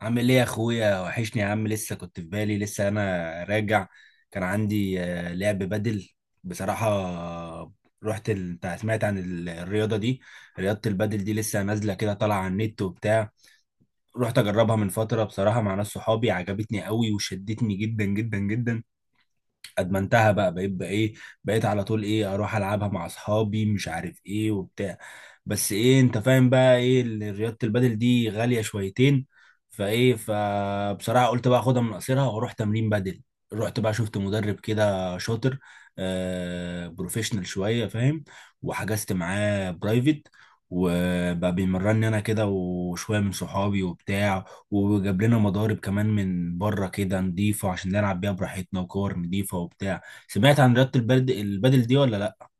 عامل ايه يا اخويا، وحشني يا عم. لسه كنت في بالي، لسه انا راجع. كان عندي لعب بدل بصراحة. انت سمعت عن الرياضة دي؟ رياضة البدل دي لسه نازلة كده، طالعة على النت وبتاع. رحت اجربها من فترة بصراحة مع ناس صحابي، عجبتني قوي وشدتني جدا جدا جدا. ادمنتها بقى، بقيت على طول ايه اروح العبها مع اصحابي مش عارف ايه وبتاع. بس ايه، انت فاهم بقى ايه، رياضة البادل دي غالية شويتين. فايه، فبصراحة قلت بقى اخدها من قصيرها واروح تمرين بادل. رحت بقى شفت مدرب كده شاطر، بروفيشنال شوية، فاهم؟ وحجزت معاه برايفت، وبقى بيمرني انا كده وشوية من صحابي وبتاع، وجاب لنا مضارب كمان من بره كده نضيفه عشان نلعب بيها براحتنا، وكور نضيفه وبتاع. سمعت عن رياضة البدل دي ولا لا؟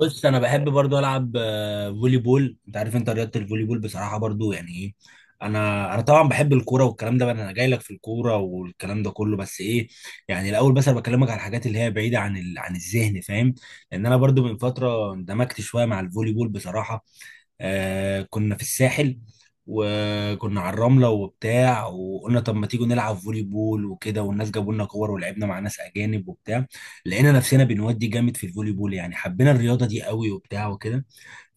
بص، انا بحب برضو العب فولي بول. انت عارف، انت رياضة الفولي بول بصراحة برضو يعني ايه. انا طبعا بحب الكوره والكلام ده بقى، انا جاي لك في الكوره والكلام ده كله. بس ايه، يعني الاول بس انا بكلمك على الحاجات اللي هي بعيده عن عن الذهن، فاهم؟ لان انا برضو من فتره اندمجت شويه مع الفولي بول بصراحه. آه، كنا في الساحل، وكنا على الرملة وبتاع، وقلنا طب ما تيجوا نلعب فولي بول وكده، والناس جابوا لنا كور ولعبنا مع ناس أجانب وبتاع. لقينا نفسنا بنودي جامد في الفولي بول، يعني حبينا الرياضة دي قوي وبتاع وكده.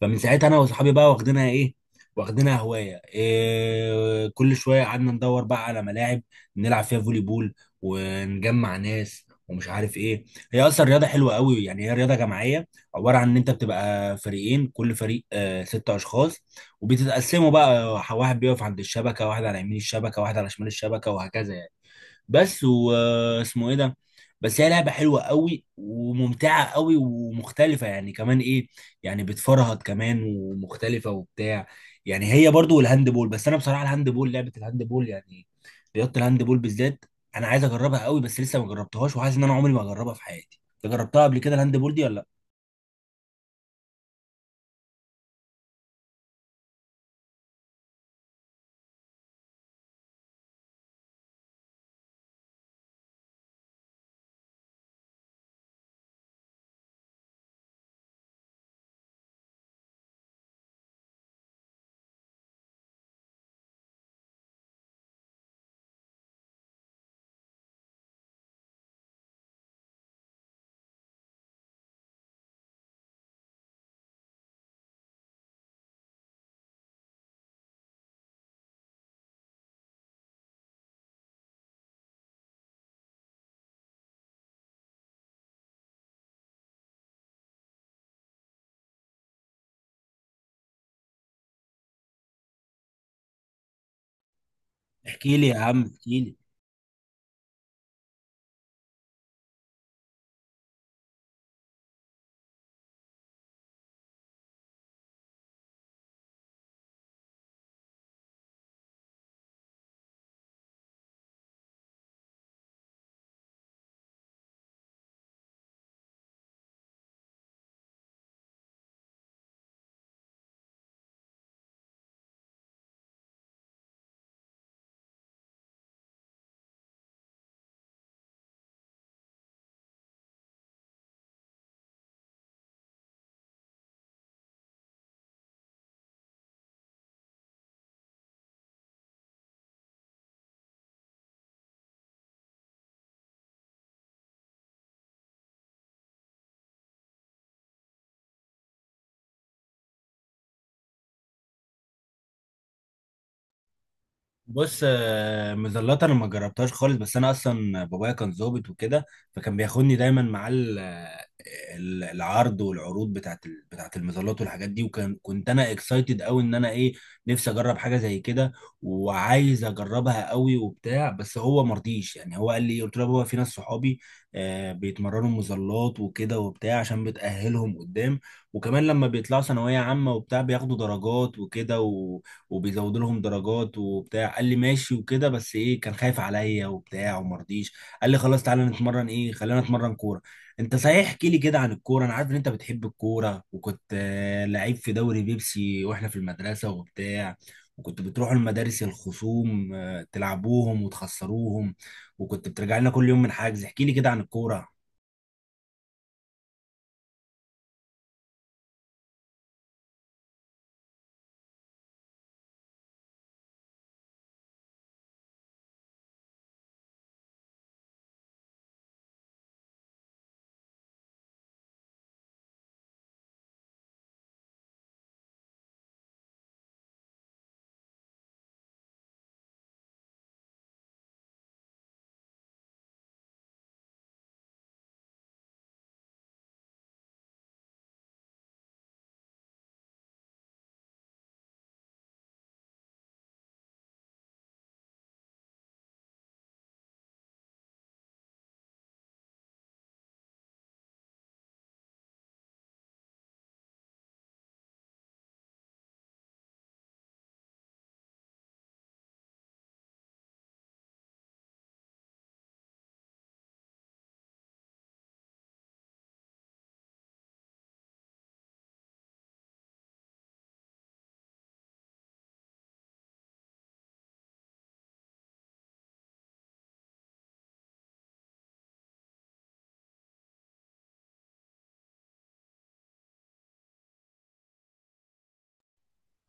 فمن ساعتها انا واصحابي بقى واخدينها ايه، واخدينها هوايه، إيه، كل شويه قعدنا ندور بقى على ملاعب نلعب فيها فولي بول، ونجمع ناس ومش عارف ايه. هي اصلا رياضه حلوه قوي، يعني هي رياضه جماعيه، عباره عن ان انت بتبقى فريقين، كل فريق ست اشخاص، وبتتقسموا بقى، واحد بيقف عند الشبكه، واحد على يمين الشبكه، واحد على شمال الشبكه، وهكذا يعني. بس واسمه ايه ده. بس هي لعبة حلوة قوي وممتعة قوي ومختلفة، يعني كمان ايه، يعني بتفرهد كمان ومختلفة وبتاع. يعني هي برضو والهاند بول، بس انا بصراحة الهاند بول، لعبة الهاند بول يعني، رياضة الهاند بول بالذات، انا عايز اجربها قوي بس لسه ما جربتهاش، وحاسس ان انا عمري ما اجربها في حياتي. انت جربتها قبل كده الهاند بول دي ولا لا؟ احكي لي يا عم، احكي لي. بص، مزلات انا ما جربتهاش خالص. بس انا اصلا بابايا كان ظابط وكده، فكان بياخدني دايما مع العرض والعروض بتاعت المظلات والحاجات دي. وكان كنت انا اكسايتد قوي، ان انا ايه، نفسي اجرب حاجه زي كده، وعايز اجربها قوي وبتاع، بس هو مرضيش. يعني هو قال لي، قلت له: يا بابا، في ناس صحابي بيتمرنوا مظلات وكده وبتاع، عشان بتأهلهم قدام، وكمان لما بيطلعوا ثانويه عامه وبتاع بياخدوا درجات وكده، وبيزودوا لهم درجات وبتاع. قال لي ماشي وكده، بس ايه، كان خايف عليا وبتاع وما رضيش. قال لي: خلاص تعالى نتمرن ايه، خلينا نتمرن كوره. انت صحيح، احكي لي كده عن الكوره. انا عارف ان انت بتحب الكوره، وكنت لعيب في دوري بيبسي واحنا في المدرسه وبتاع، وكنت بتروحوا المدارس الخصوم تلعبوهم وتخسروهم، وكنت بترجع لنا كل يوم من حجز. احكي لي كده عن الكوره.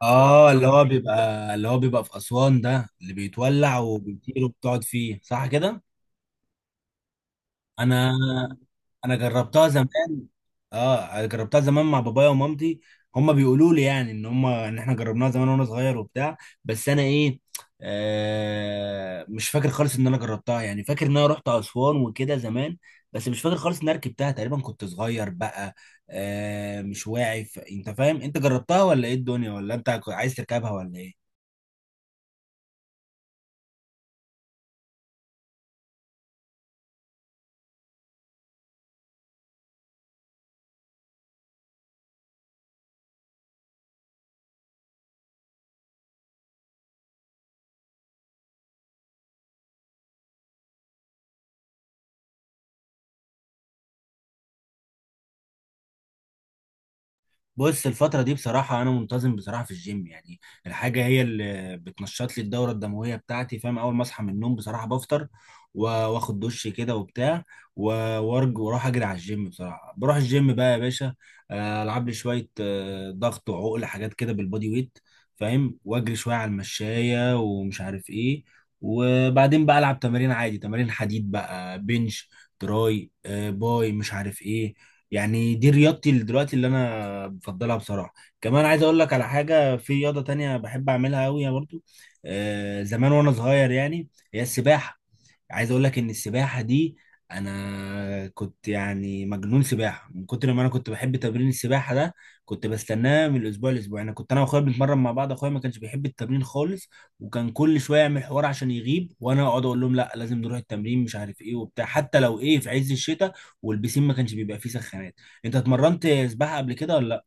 اه، اللي هو بيبقى في اسوان ده، اللي بيتولع وبيطير وبتقعد فيه، صح كده؟ انا انا جربتها زمان. اه، جربتها زمان مع بابايا ومامتي، هما بيقولوا لي يعني ان هما، ان احنا جربناها زمان وانا صغير وبتاع. بس انا ايه، مش فاكر خالص ان انا جربتها. يعني فاكر ان انا رحت اسوان وكده زمان، بس مش فاكر خالص ان انا ركبتها، تقريبا كنت صغير بقى، مش واعي. انت فاهم، انت جربتها ولا ايه الدنيا، ولا انت عايز تركبها، ولا ايه؟ بص، الفترة دي بصراحة أنا منتظم بصراحة في الجيم يعني. الحاجة هي اللي بتنشط لي الدورة الدموية بتاعتي، فاهم؟ أول ما أصحى من النوم بصراحة بفطر، و- وآخد دش كده وبتاع، و- وأرج وأروح أجري على الجيم. بصراحة بروح الجيم بقى يا باشا، ألعب لي شوية ضغط وعقل حاجات كده بالبودي ويت، فاهم؟ وأجري شوية على المشاية ومش عارف إيه. وبعدين بقى ألعب تمارين عادي، تمارين حديد بقى، بنش، تراي، باي، مش عارف إيه. يعني دي رياضتي دلوقتي اللي انا بفضلها بصراحة. كمان عايز اقول لك على حاجة، في رياضة تانية بحب اعملها قوي برضو، زمان وانا صغير يعني، هي السباحة. عايز اقول لك ان السباحة دي، انا كنت يعني مجنون سباحة، من كتر ما انا كنت بحب تمرين السباحة ده كنت بستناه من الاسبوع لاسبوع. انا كنت انا واخويا بنتمرن مع بعض، اخويا ما كانش بيحب التمرين خالص، وكان كل شوية يعمل حوار عشان يغيب، وانا اقعد اقول لهم لا لازم نروح التمرين مش عارف ايه وبتاع، حتى لو ايه في عز الشتاء، والبسين ما كانش بيبقى فيه سخانات. انت اتمرنت سباحة قبل كده ولا؟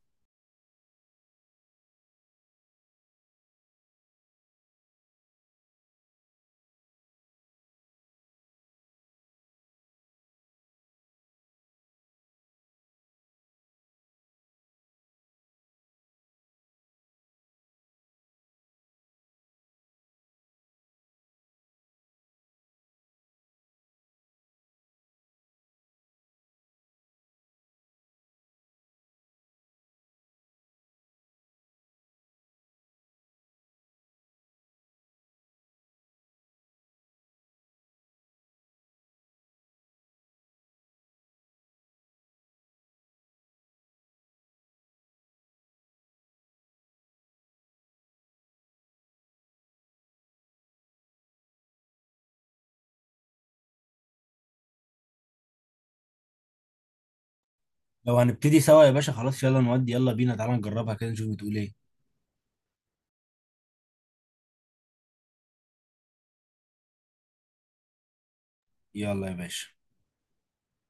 لو هنبتدي سوا يا باشا، خلاص يلا نودي، يلا بينا تعالى نجربها كده نشوف بتقول ايه. يلا يا باشا.